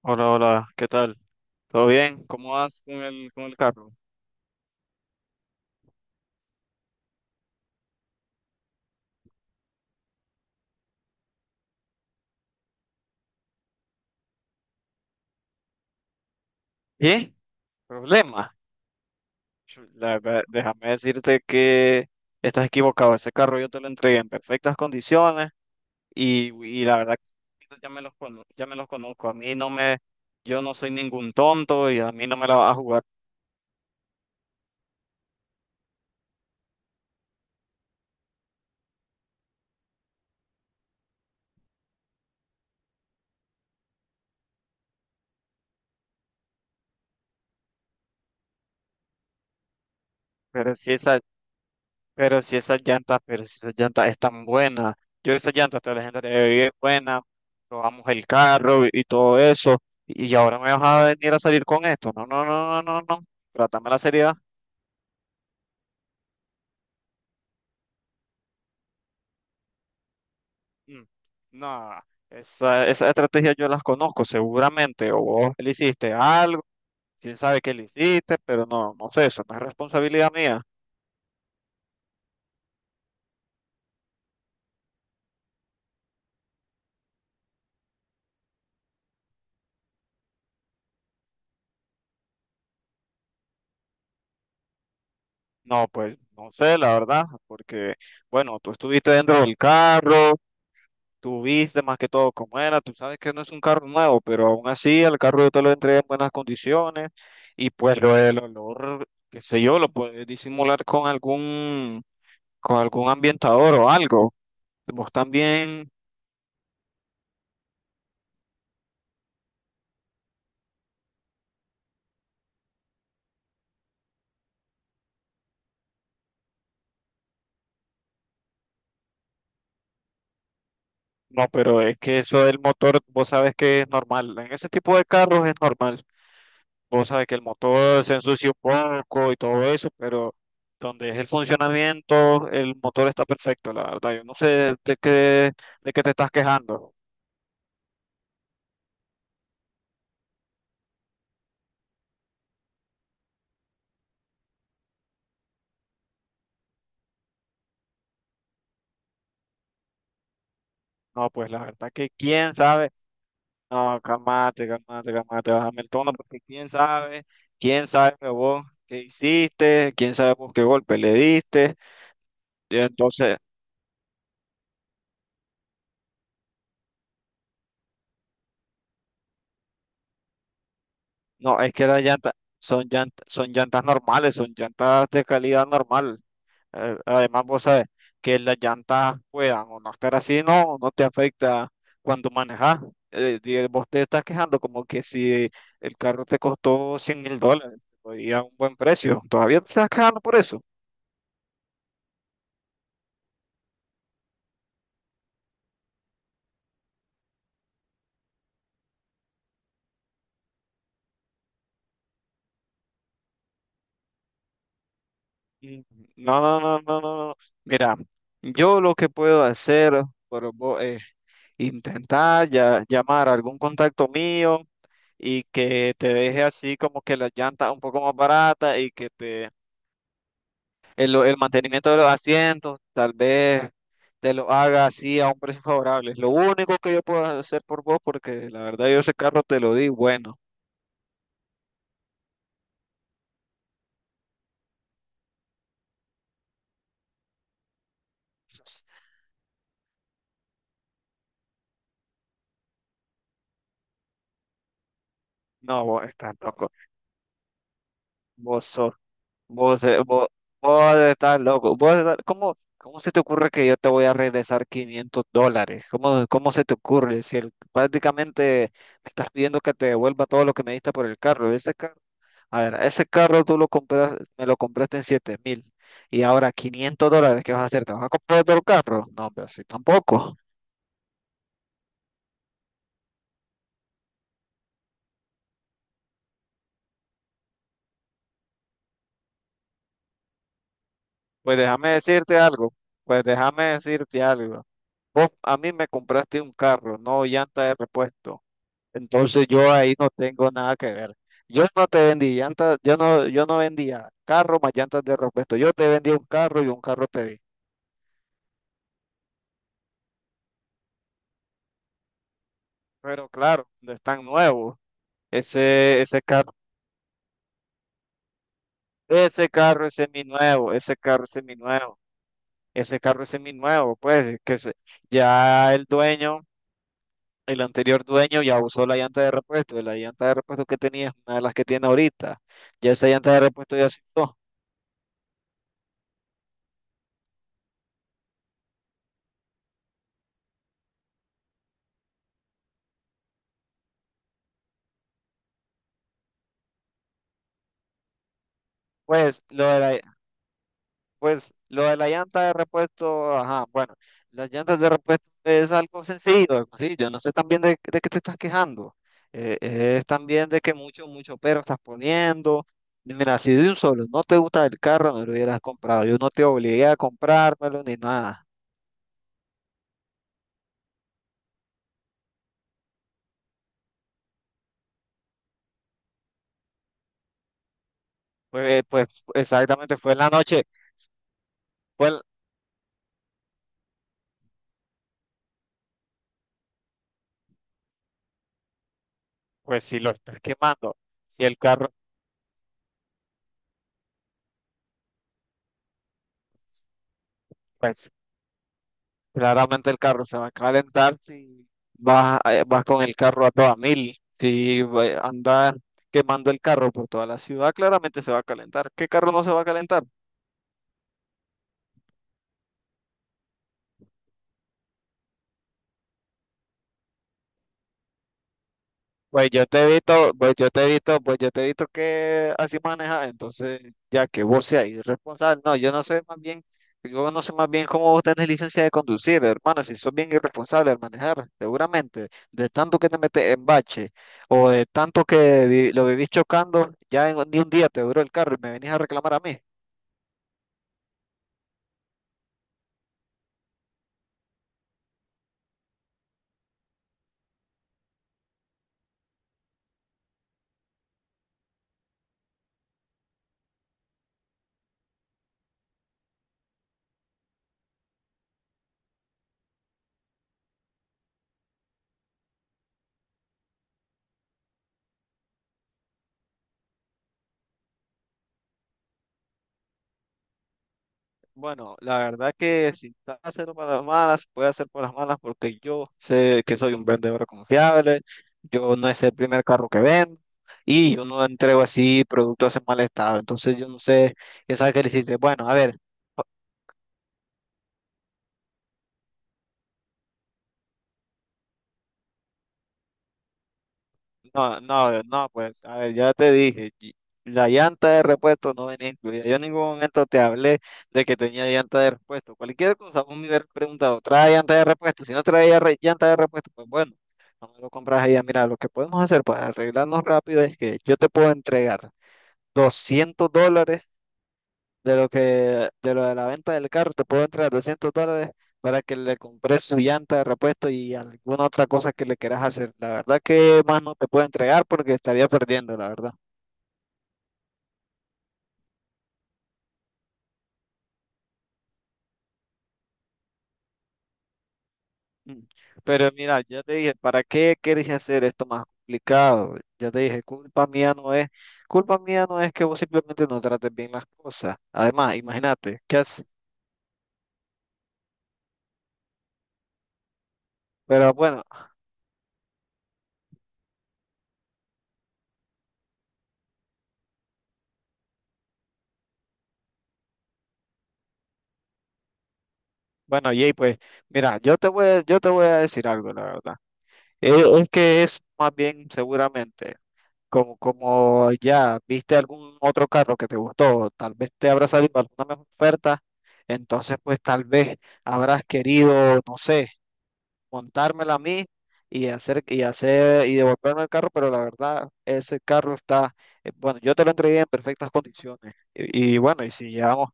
Hola, hola, ¿qué tal? ¿Todo bien? ¿Cómo vas con con el carro? ¿Y? ¿Problema? La verdad, déjame decirte que estás equivocado. Ese carro yo te lo entregué en perfectas condiciones y la verdad que ya me los conozco. A mí no me, Yo no soy ningún tonto y a mí no me la vas a jugar. Pero si pero si esas llantas están buenas, yo esas llantas te las entregué buenas, probamos el carro y, todo eso, y ahora me vas a venir a salir con esto. No, no, no, no, no, no, trátame la seriedad. Mm, No, esa estrategia yo las conozco seguramente, o vos le hiciste algo, quién sabe qué le hiciste, pero no, no sé, eso no es responsabilidad mía. No, pues no sé, la verdad, porque, bueno, tú estuviste dentro del carro. Tú viste más que todo cómo era, tú sabes que no es un carro nuevo, pero aún así el carro yo te lo entregué en buenas condiciones y pues lo del olor, qué sé yo, lo puedes disimular con algún ambientador o algo. Vos también, no, pero es que eso del motor, vos sabes que es normal, en ese tipo de carros es normal. Vos sabes que el motor se ensucia un poco y todo eso, pero donde es el funcionamiento, el motor está perfecto, la verdad. Yo no sé de qué te estás quejando. No, pues la verdad que quién sabe. No, calmate, calmate, calmate, bájame el tono, porque quién sabe vos qué hiciste, quién sabe vos qué golpe le diste. Y entonces, no, es que las llantas son llantas normales, son llantas de calidad normal. Además, vos sabes que las llantas puedan o no estar así, no te afecta cuando manejas. Vos te estás quejando como que si el carro te costó $100.000 y a un buen precio, todavía te estás quejando por eso. Mm, No, no, no, no, no, no. Mira, yo lo que puedo hacer por vos es intentar ya, llamar a algún contacto mío y que te deje así como que las llantas un poco más baratas y que te el mantenimiento de los asientos, tal vez te lo haga así a un precio favorable. Es lo único que yo puedo hacer por vos, porque la verdad yo ese carro te lo di, bueno. No, vos estás loco. Vos sos, vos, eh, vos, vos estás loco. ¿Cómo se te ocurre que yo te voy a regresar $500? ¿Cómo se te ocurre? Si el- prácticamente me estás pidiendo que te devuelva todo lo que me diste por el carro. Ese carro A ver, ese carro me lo compraste en 7.000 y ahora $500, ¿qué vas a hacer? ¿Te vas a comprar otro carro? No, pero sí, tampoco. Pues déjame decirte algo. Vos a mí me compraste un carro, no llanta de repuesto. Entonces yo ahí no tengo nada que ver. Yo no te vendí llantas, yo no vendía carro más llantas de repuesto. Yo te vendí un carro y un carro te di. Pero claro, no es tan nuevo. Ese, ese carro Ese carro es seminuevo, ese carro es seminuevo, ese carro es seminuevo, ya el dueño, el anterior dueño ya usó la llanta de repuesto, y la llanta de repuesto que tenía es una de las que tiene ahorita, ya esa llanta de repuesto ya se usó. Pues lo de la- Pues lo de la llanta de repuesto, ajá, bueno, las llantas de repuesto es algo sencillo, sí, yo no sé también de qué te estás quejando, es también de que mucho, mucho pero estás poniendo. Y mira, si de un solo no te gusta el carro, no lo hubieras comprado, yo no te obligué a comprármelo ni nada, pues exactamente fue en la noche, pues, pues si lo estás quemando, si el carro... pues claramente el carro se va a calentar si vas con el carro a toda mil. Si va- anda quemando el carro por toda la ciudad, claramente se va a calentar. ¿Qué carro no se va a calentar? Pues yo te he visto, pues yo te he visto, que así manejas, entonces ya que vos seas irresponsable, no, yo no sé más bien cómo vos tenés licencia de conducir, hermano, si sos bien irresponsable al manejar, seguramente, de tanto que te metes en bache o de tanto que lo vivís chocando, ni un día te duró el carro y me venís a reclamar a mí. Bueno, la verdad que si está haciendo para las malas, puede hacer por las malas porque yo sé que soy un vendedor confiable, yo no es el primer carro que vendo y yo no entrego así productos en mal estado. Entonces yo no sé, ya sabes que le hiciste, bueno, a ver. No, no, no, pues, a ver, ya te dije, la llanta de repuesto no venía incluida. Yo en ningún momento te hablé de que tenía llanta de repuesto. Cualquier cosa, vos me hubieras preguntado, ¿trae llanta de repuesto? Si no traía llanta de repuesto, pues bueno, no me lo compras ahí. Mira, lo que podemos hacer para arreglarnos rápido es que yo te puedo entregar $200 de lo que, de lo de la venta del carro, te puedo entregar 200 dólares para que le compres su llanta de repuesto y alguna otra cosa que le quieras hacer. La verdad que más no te puedo entregar porque estaría perdiendo, la verdad. Mm. Pero mira, ya te dije, ¿para qué quieres hacer esto más complicado? Ya te dije, culpa mía no es que vos simplemente no trates bien las cosas. Además, imagínate, ¿qué haces? Pero bueno, bueno, Jay, pues mira, yo te voy a decir algo, la verdad. Es que es más bien seguramente. Como ya viste algún otro carro que te gustó, tal vez te habrá salido alguna mejor oferta, entonces pues tal vez habrás querido, no sé, montármela a mí y hacer y devolverme el carro, pero la verdad ese carro está, bueno, yo te lo entregué en perfectas condiciones y bueno, y si llevamos,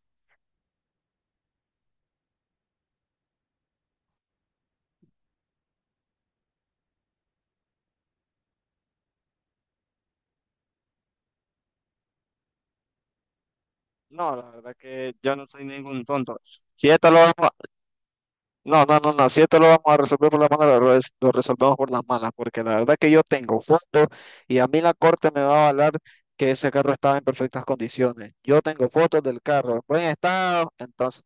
no, la verdad que yo no soy ningún tonto. Si esto lo vamos No, no, no, no, si esto lo vamos a resolver por las manos, lo resolvemos por las manos, porque la verdad que yo tengo fotos y a mí la corte me va a avalar que ese carro estaba en perfectas condiciones. Yo tengo fotos del carro en buen estado, entonces.